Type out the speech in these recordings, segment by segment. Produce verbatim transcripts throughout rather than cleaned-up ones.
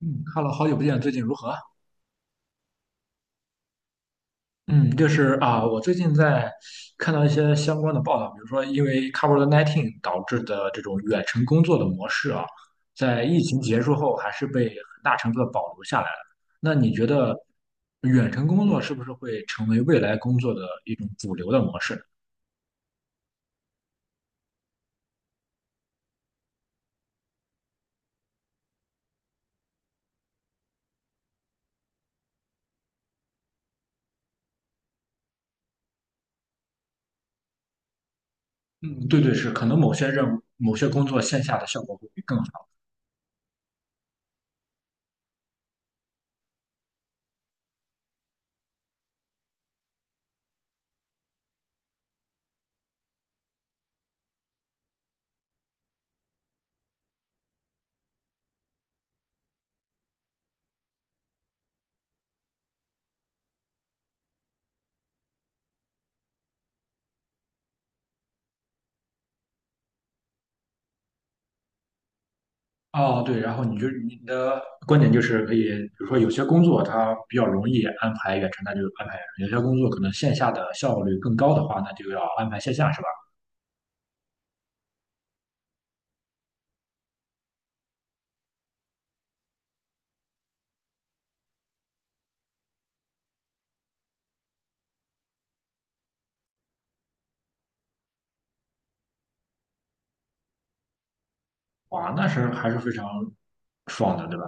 嗯 h e 好久不见，最近如何？嗯，就是啊，我最近在看到一些相关的报道，比如说因为 COVID 十九 导致的这种远程工作的模式啊，在疫情结束后还是被很大程度的保留下来了。那你觉得远程工作是不是会成为未来工作的一种主流的模式？嗯，对对，是，可能某些任务、某些工作线下的效果会更好。哦，对，然后你就你的观点就是可以，比如说有些工作它比较容易安排远程，那就安排远程；有些工作可能线下的效率更高的话，那就要安排线下，是吧？哇，那是还是非常爽的，对吧？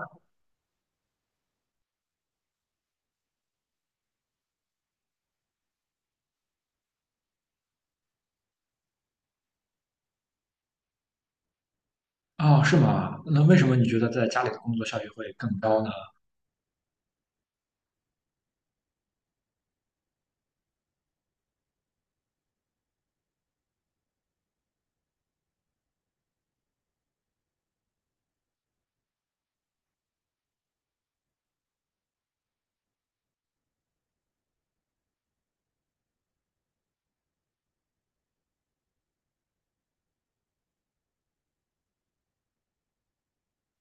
哦，是吗？那为什么你觉得在家里的工作效率会更高呢？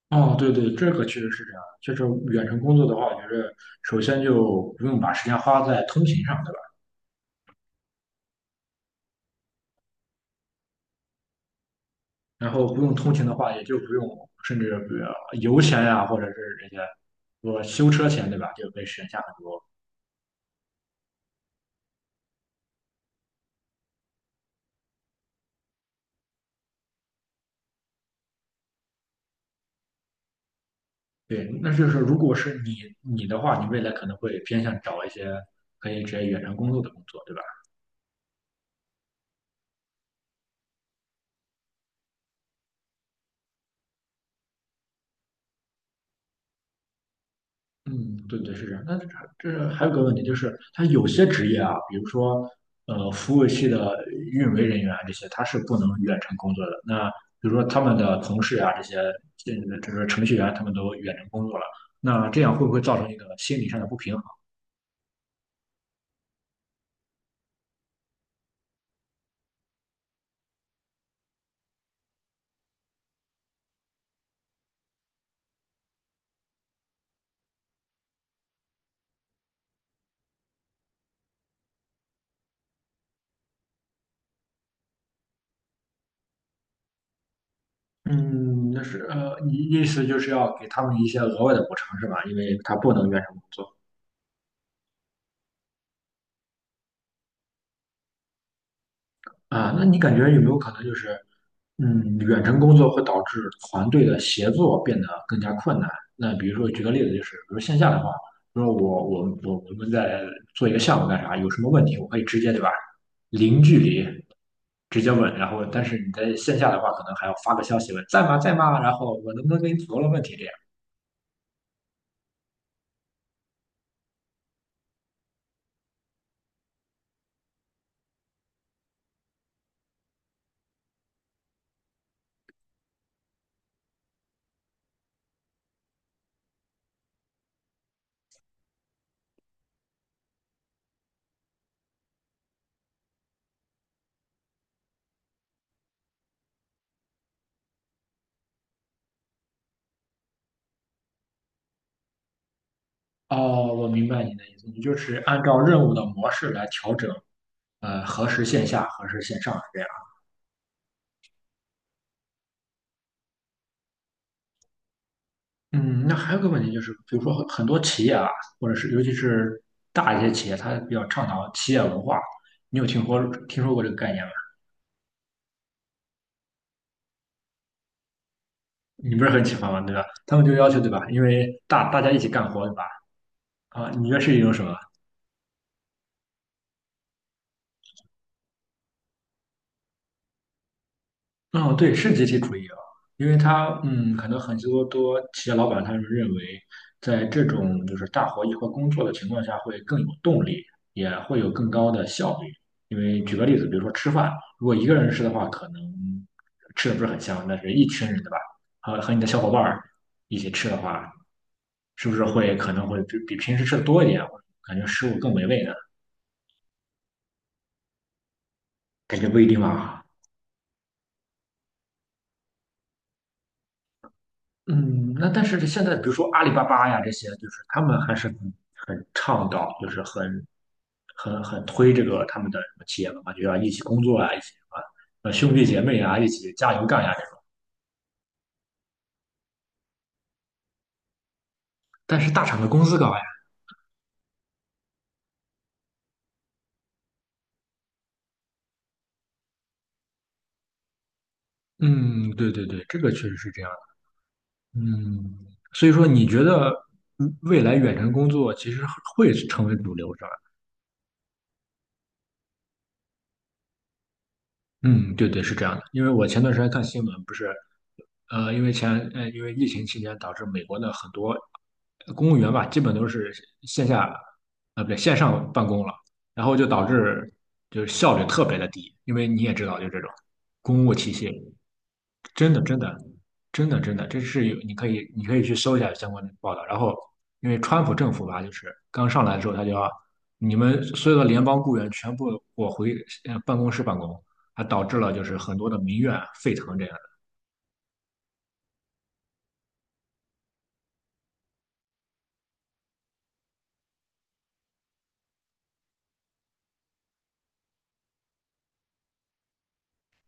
哦，对对，这个确实是这样。就是远程工作的话，我觉得首先就不用把时间花在通勤上，对吧？然后不用通勤的话，也就不用，甚至比如油钱呀、或者是这些，我修车钱，对吧？就可以省下很多。对，那就是如果是你你的话，你未来可能会偏向找一些可以直接远程工作的工作，对吧？嗯，对对是这样。那这这还有个问题就是，他有些职业啊，比如说呃服务器的运维人员啊这些，他是不能远程工作的。那比如说他们的同事啊这些，这这个程序员他们都远程工作了，那这样会不会造成一个心理上的不平衡？嗯，那是呃，你意思就是要给他们一些额外的补偿是吧？因为他不能远程工作。啊，那你感觉有没有可能就是，嗯，远程工作会导致团队的协作变得更加困难？那比如说举个例子，就是比如线下的话，比如说我我我我们在做一个项目干啥，有什么问题我可以直接对吧，零距离直接问，然后但是你在线下的话，可能还要发个消息问在吗在吗，然后我能不能给你组了问题这样。哦，我明白你的意思，你就是按照任务的模式来调整，呃，核实线下，核实线上。这样。嗯，那还有个问题就是，比如说很很多企业啊，或者是尤其是大一些企业，它比较倡导企业文化。你有听说听说过这个概念吗？你不是很喜欢吗？对吧？他们就要求，对吧？因为大大家一起干活，对吧？啊，你觉得是一种什么？嗯，对，是集体主义啊，因为他，嗯，可能很多多企业老板他们认为，在这种就是大伙一块工作的情况下，会更有动力，也会有更高的效率。因为举个例子，比如说吃饭，如果一个人吃的话，可能吃的不是很香，但是一群人，对吧？和和你的小伙伴儿一起吃的话，是不是会可能会比比平时吃的多一点，感觉食物更美味呢？感觉不一定吧。嗯，那但是现在比如说阿里巴巴呀这些，就是他们还是很很倡导，就是很很很推这个他们的什么企业文化，就要一起工作啊，一起啊，呃兄弟姐妹啊，一起加油干呀这种。但是大厂的工资高呀。嗯，对对对，这个确实是这样的。嗯，所以说你觉得嗯未来远程工作其实会成为主流，是吧？嗯，对对，是这样的。因为我前段时间看新闻，不是，呃，因为前，呃，因为疫情期间导致美国的很多公务员吧，基本都是线下，呃，不对，线上办公了，然后就导致就是效率特别的低，因为你也知道，就这种公务体系。真的，真的，真的，真的，这是有，你可以，你可以去搜一下相关的报道。然后，因为川普政府吧，就是刚上来的时候，他就要你们所有的联邦雇员全部我回呃办公室办公，还导致了就是很多的民怨啊沸腾这样的。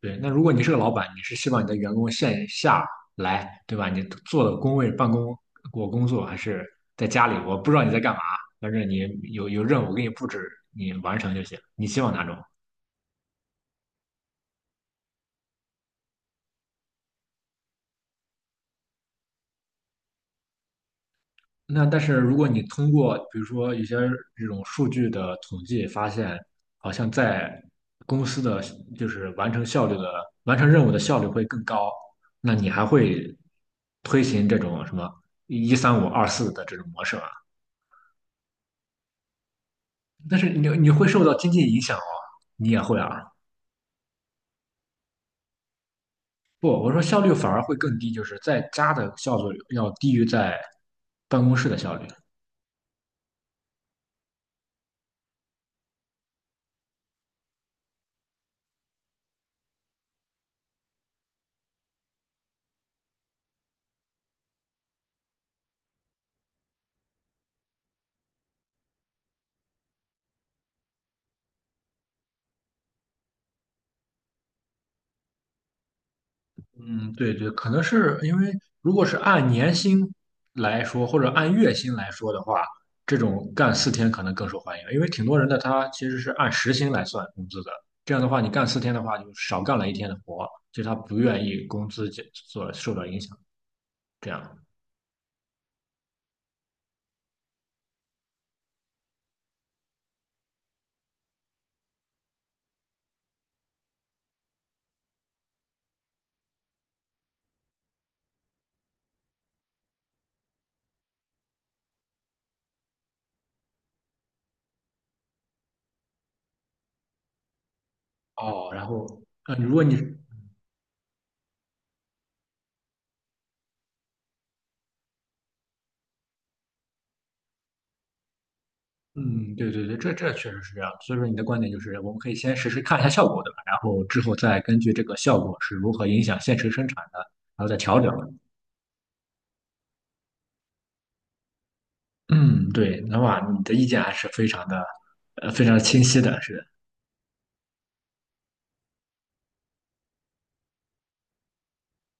对，那如果你是个老板，你是希望你的员工线下来，对吧？你坐的工位办公，我工作还是在家里？我不知道你在干嘛，反正你有有任务给你布置，你完成就行。你希望哪种？那但是如果你通过比如说一些这种数据的统计发现，好像在公司的就是完成效率的完成任务的效率会更高，那你还会推行这种什么一三五二四的这种模式吗？但是你你会受到经济影响哦，你也会啊？不，我说效率反而会更低，就是在家的效率要低于在办公室的效率。嗯，对对，可能是因为如果是按年薪来说，或者按月薪来说的话，这种干四天可能更受欢迎，因为挺多人的他其实是按时薪来算工资的。这样的话，你干四天的话，就少干了一天的活，就他不愿意工资减所受到影响。这样哦，然后呃，如果你嗯，对对对，这这确实是这样。所以说你的观点就是，我们可以先实时看一下效果，对吧？然后之后再根据这个效果是如何影响现实生产的，然后再调整。嗯，对，那哇，你的意见还是非常的，呃，非常清晰的，是